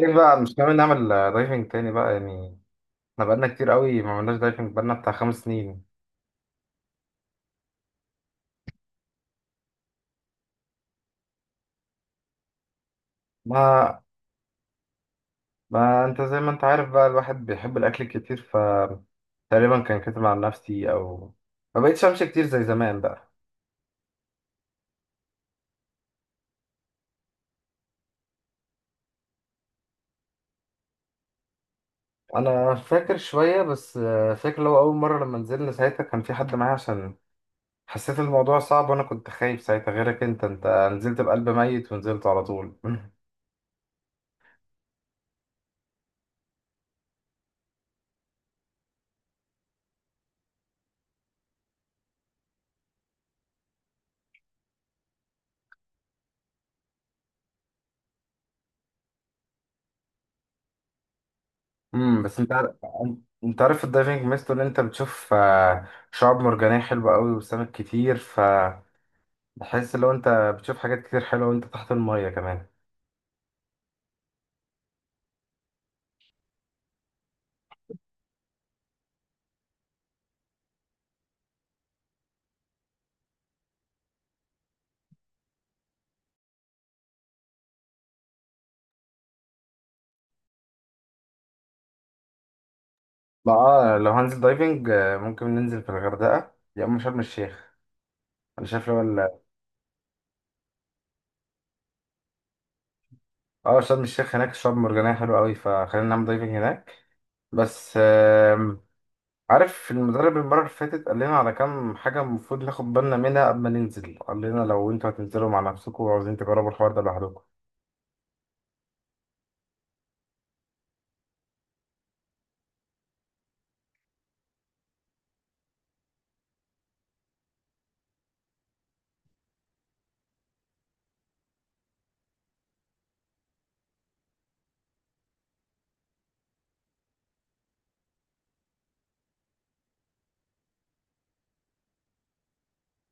ايه بقى مش ناوي نعمل دايفنج تاني بقى يعني؟ احنا بقالنا كتير قوي ما عملناش دايفنج، بقالنا بتاع خمس سنين. ما ما انت زي ما انت عارف بقى، الواحد بيحب الاكل كتير. ف تقريبا كان كاتب عن نفسي، او ما بقتش امشي كتير زي زمان بقى. انا فاكر شوية بس، فاكر لو اول مرة لما نزلنا ساعتها كان في حد معايا، عشان حسيت الموضوع صعب، وانا كنت خايف ساعتها. غيرك انت نزلت بقلب ميت ونزلت على طول بس انت عارف، انت عارف الدايفنج ميزته ان انت بتشوف شعاب مرجانيه حلوه قوي وسمك كتير، فبحس لو انت بتشوف حاجات كتير حلوه وانت تحت الميه كمان. بقى لو هنزل دايفنج، ممكن ننزل في الغردقه يا اما شرم الشيخ. انا شايف لو اه شرم الشيخ هناك شعاب مرجانيه حلوه قوي، فخلينا نعمل دايفنج هناك. بس عارف المدرب المره اللي فاتت قال لنا على كام حاجه المفروض ناخد بالنا منها قبل ما ننزل. قال لنا لو انتوا هتنزلوا مع نفسكم وعاوزين تجربوا الحوار ده لوحدكم.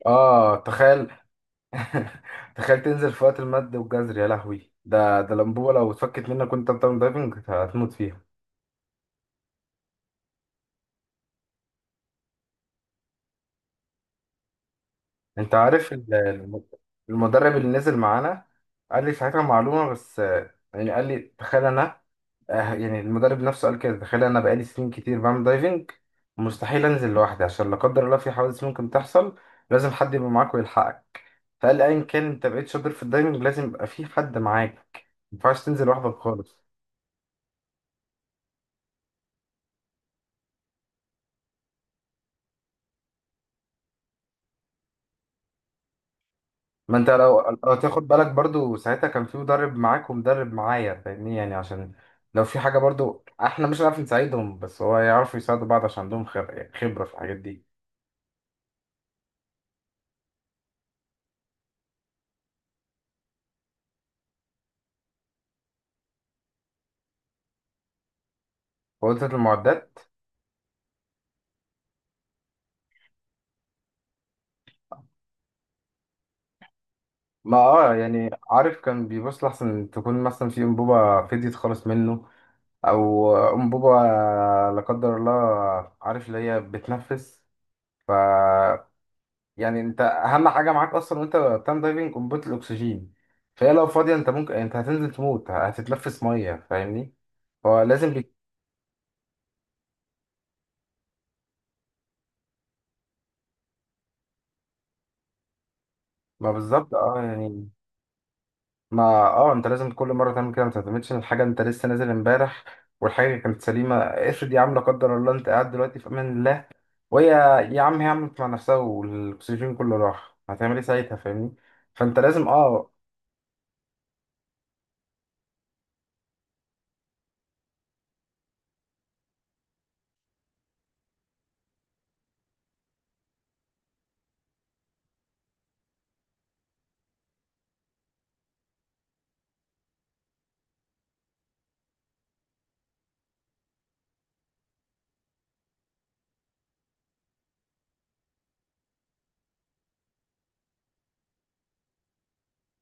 اه تخيل تخيل تنزل في وقت المد والجزر، يا لهوي! ده الانبوبه لو اتفكت منك وانت بتعمل دايفنج هتموت فيها. انت عارف المدرب اللي نزل معانا قال لي ساعتها معلومه، بس يعني قال لي تخيل انا، يعني المدرب نفسه قال كده، تخيل انا بقالي سنين كتير بعمل دايفنج، مستحيل انزل لوحدي عشان لا قدر الله في حوادث ممكن تحصل. لازم حد يبقى معاك ويلحقك. فقال ايا كان انت بقيت شاطر في الدايفنج، لازم يبقى في حد معاك، ما ينفعش تنزل لوحدك خالص. ما انت لو تاخد بالك برضو ساعتها كان في مدرب معاك ومدرب معايا فاهمني يعني، عشان لو في حاجة برضو احنا مش هنعرف نساعدهم، بس هو يعرفوا يساعدوا بعض عشان عندهم خبرة في الحاجات دي. وقلت المعدات؟ ما اه، يعني عارف كان بيبص لحسن تكون مثلا في انبوبة فديت خالص منه، او انبوبة لا قدر الله، عارف اللي هي بتنفس. ف يعني انت اهم حاجه معاك اصلا وانت بتعمل دايفنج قنبله الاكسجين، فهي لو فاضيه انت ممكن، يعني انت هتنزل تموت، هتتلفس ميه فاهمني. هو لازم ما بالظبط اه يعني. ما اه، انت لازم كل مره تعمل كده، ما تعتمدش ان الحاجه انت لسه نازل امبارح والحاجه كانت سليمه. افرض يا عم لا قدر الله انت قاعد دلوقتي في امان الله وهي، يا عم هي عملت مع نفسها والاكسجين كله راح، هتعمل ايه ساعتها فاهمني؟ فانت لازم اه،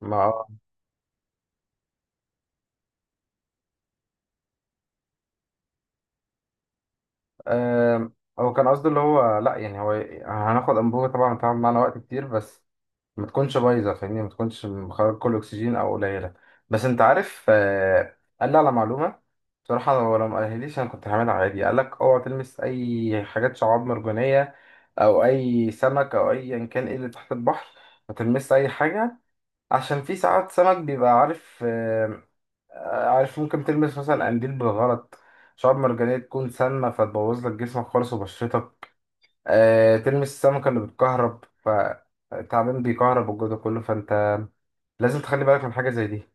ما اه، آم، هو كان قصده اللي هو لا، يعني هو هناخد انبوبة طبعا هتقعد معانا وقت كتير، بس ما تكونش بايظة فاهمني، ما تكونش مخرج كل أكسجين أو قليلة. بس أنت عارف، قال لي على معلومة، بصراحة هو لو ما قالهاليش أنا كنت هعملها عادي. قال لك أوعى تلمس أي حاجات شعاب مرجانية أو أي سمك أو أيا كان إيه اللي تحت البحر، ما تلمس أي حاجة، عشان في ساعات سمك بيبقى عارف، عارف ممكن تلمس مثلا قنديل بالغلط، شعاب مرجانية تكون سامة فتبوظ لك جسمك خالص وبشرتك. أه تلمس السمكة اللي بتكهرب، فالتعبان بيكهرب والجو ده كله، فانت لازم تخلي بالك من حاجة زي دي.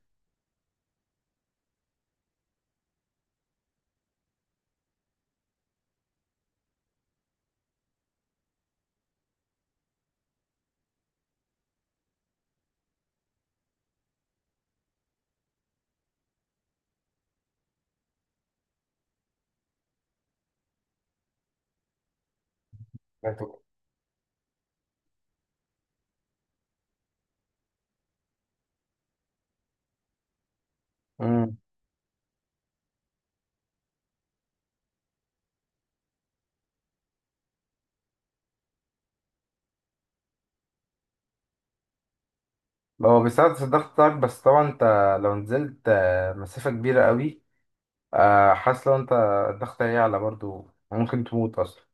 فهمت. مم. هو بيساعد في الضغط بتاعك، بس طبعا انت لو نزلت مسافة كبيرة قوي، حاسس لو انت الضغط هيعلى برضو، ممكن تموت اصلا.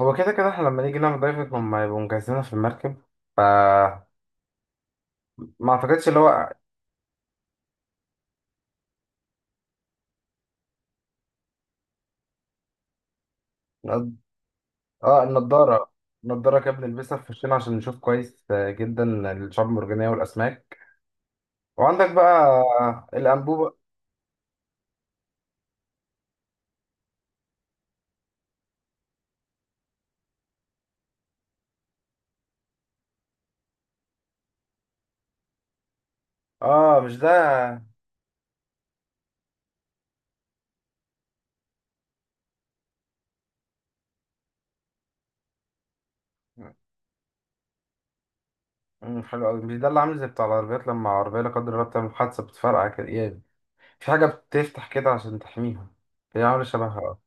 هو كده كده احنا لما نيجي نعمل دايفنج هما يبقوا مجهزينها في المركب. ف ما اعتقدش اللي هو، اه النضارة، النضارة كده بنلبسها في وشنا عشان نشوف كويس جدا الشعاب المرجانية والأسماك، وعندك بقى الأنبوبة. اه مش ده. مم، حلو أوي، مش ده اللي عامل زي بتاع العربيات لما عربية لا قدر الله بتعمل حادثة بتفرقع كده يعني، في حاجة بتفتح كده عشان تحميها، هي عاملة شبهها اه.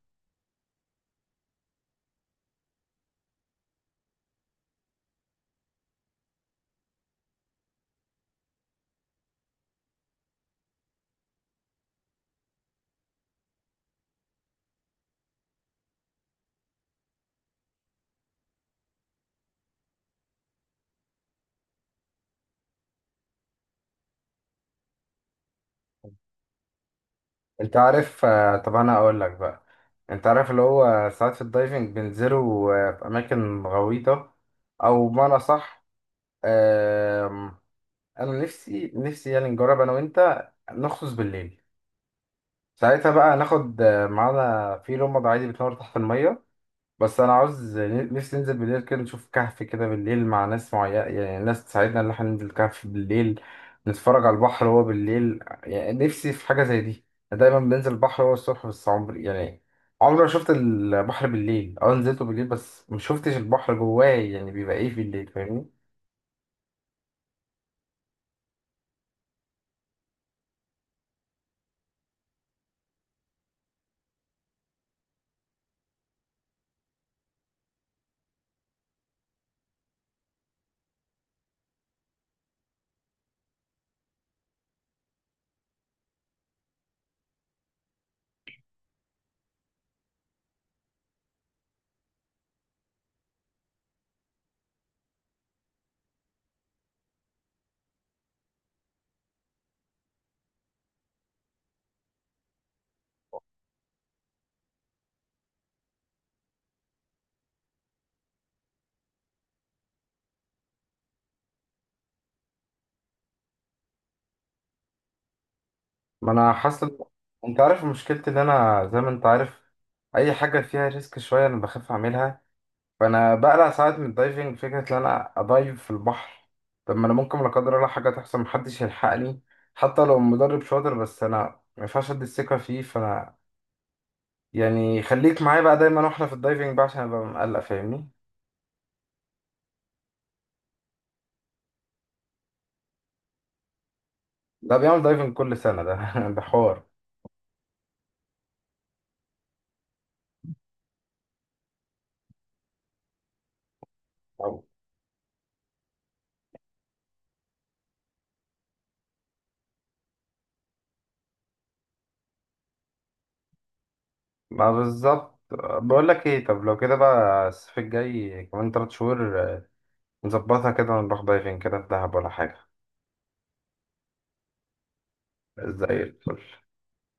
انت عارف طب أنا أقول لك بقى، انت عارف اللي هو ساعات في الدايفنج بينزلوا في أماكن غويطة، أو بمعنى صح. انا نفسي نفسي يعني نجرب انا وانت، نغطس بالليل. ساعتها بقى ناخد معانا في لمبة عادي بتنور تحت المية. بس انا عاوز نفسي ننزل بالليل كده، نشوف كهف كده بالليل مع ناس معينة، يعني ناس تساعدنا ان احنا ننزل كهف بالليل، نتفرج على البحر وهو بالليل. يعني نفسي في حاجة زي دي. أنا دايما بنزل البحر وهو الصبح، بس عمري يعني عمري ما شفت البحر بالليل. اه نزلته بالليل بس ما شفتش البحر جواه، يعني بيبقى ايه بالليل فاهمني؟ ما انا حاصل، انت عارف مشكلتي ان انا زي ما انت عارف، اي حاجه فيها ريسك شويه انا بخاف اعملها. فانا بقلق ساعات من الدايفنج، فكره ان انا ادايف في البحر. طب ما انا ممكن لا قدر الله حاجه تحصل محدش يلحقني، حتى لو مدرب شاطر. بس انا ما ينفعش ادي الثقه فيه، فانا يعني خليك معايا بقى دايما واحنا في الدايفنج بقى عشان ابقى مقلق فاهمني. ده بيعمل دايفنج كل سنه، ده ده حوار. أو- ما بالظبط، بقول لك ايه، طب لو كده بقى الصيف الجاي كمان 3 شهور، نظبطها كده ونروح دايفين كده في دهب ولا حاجة. زي الفل.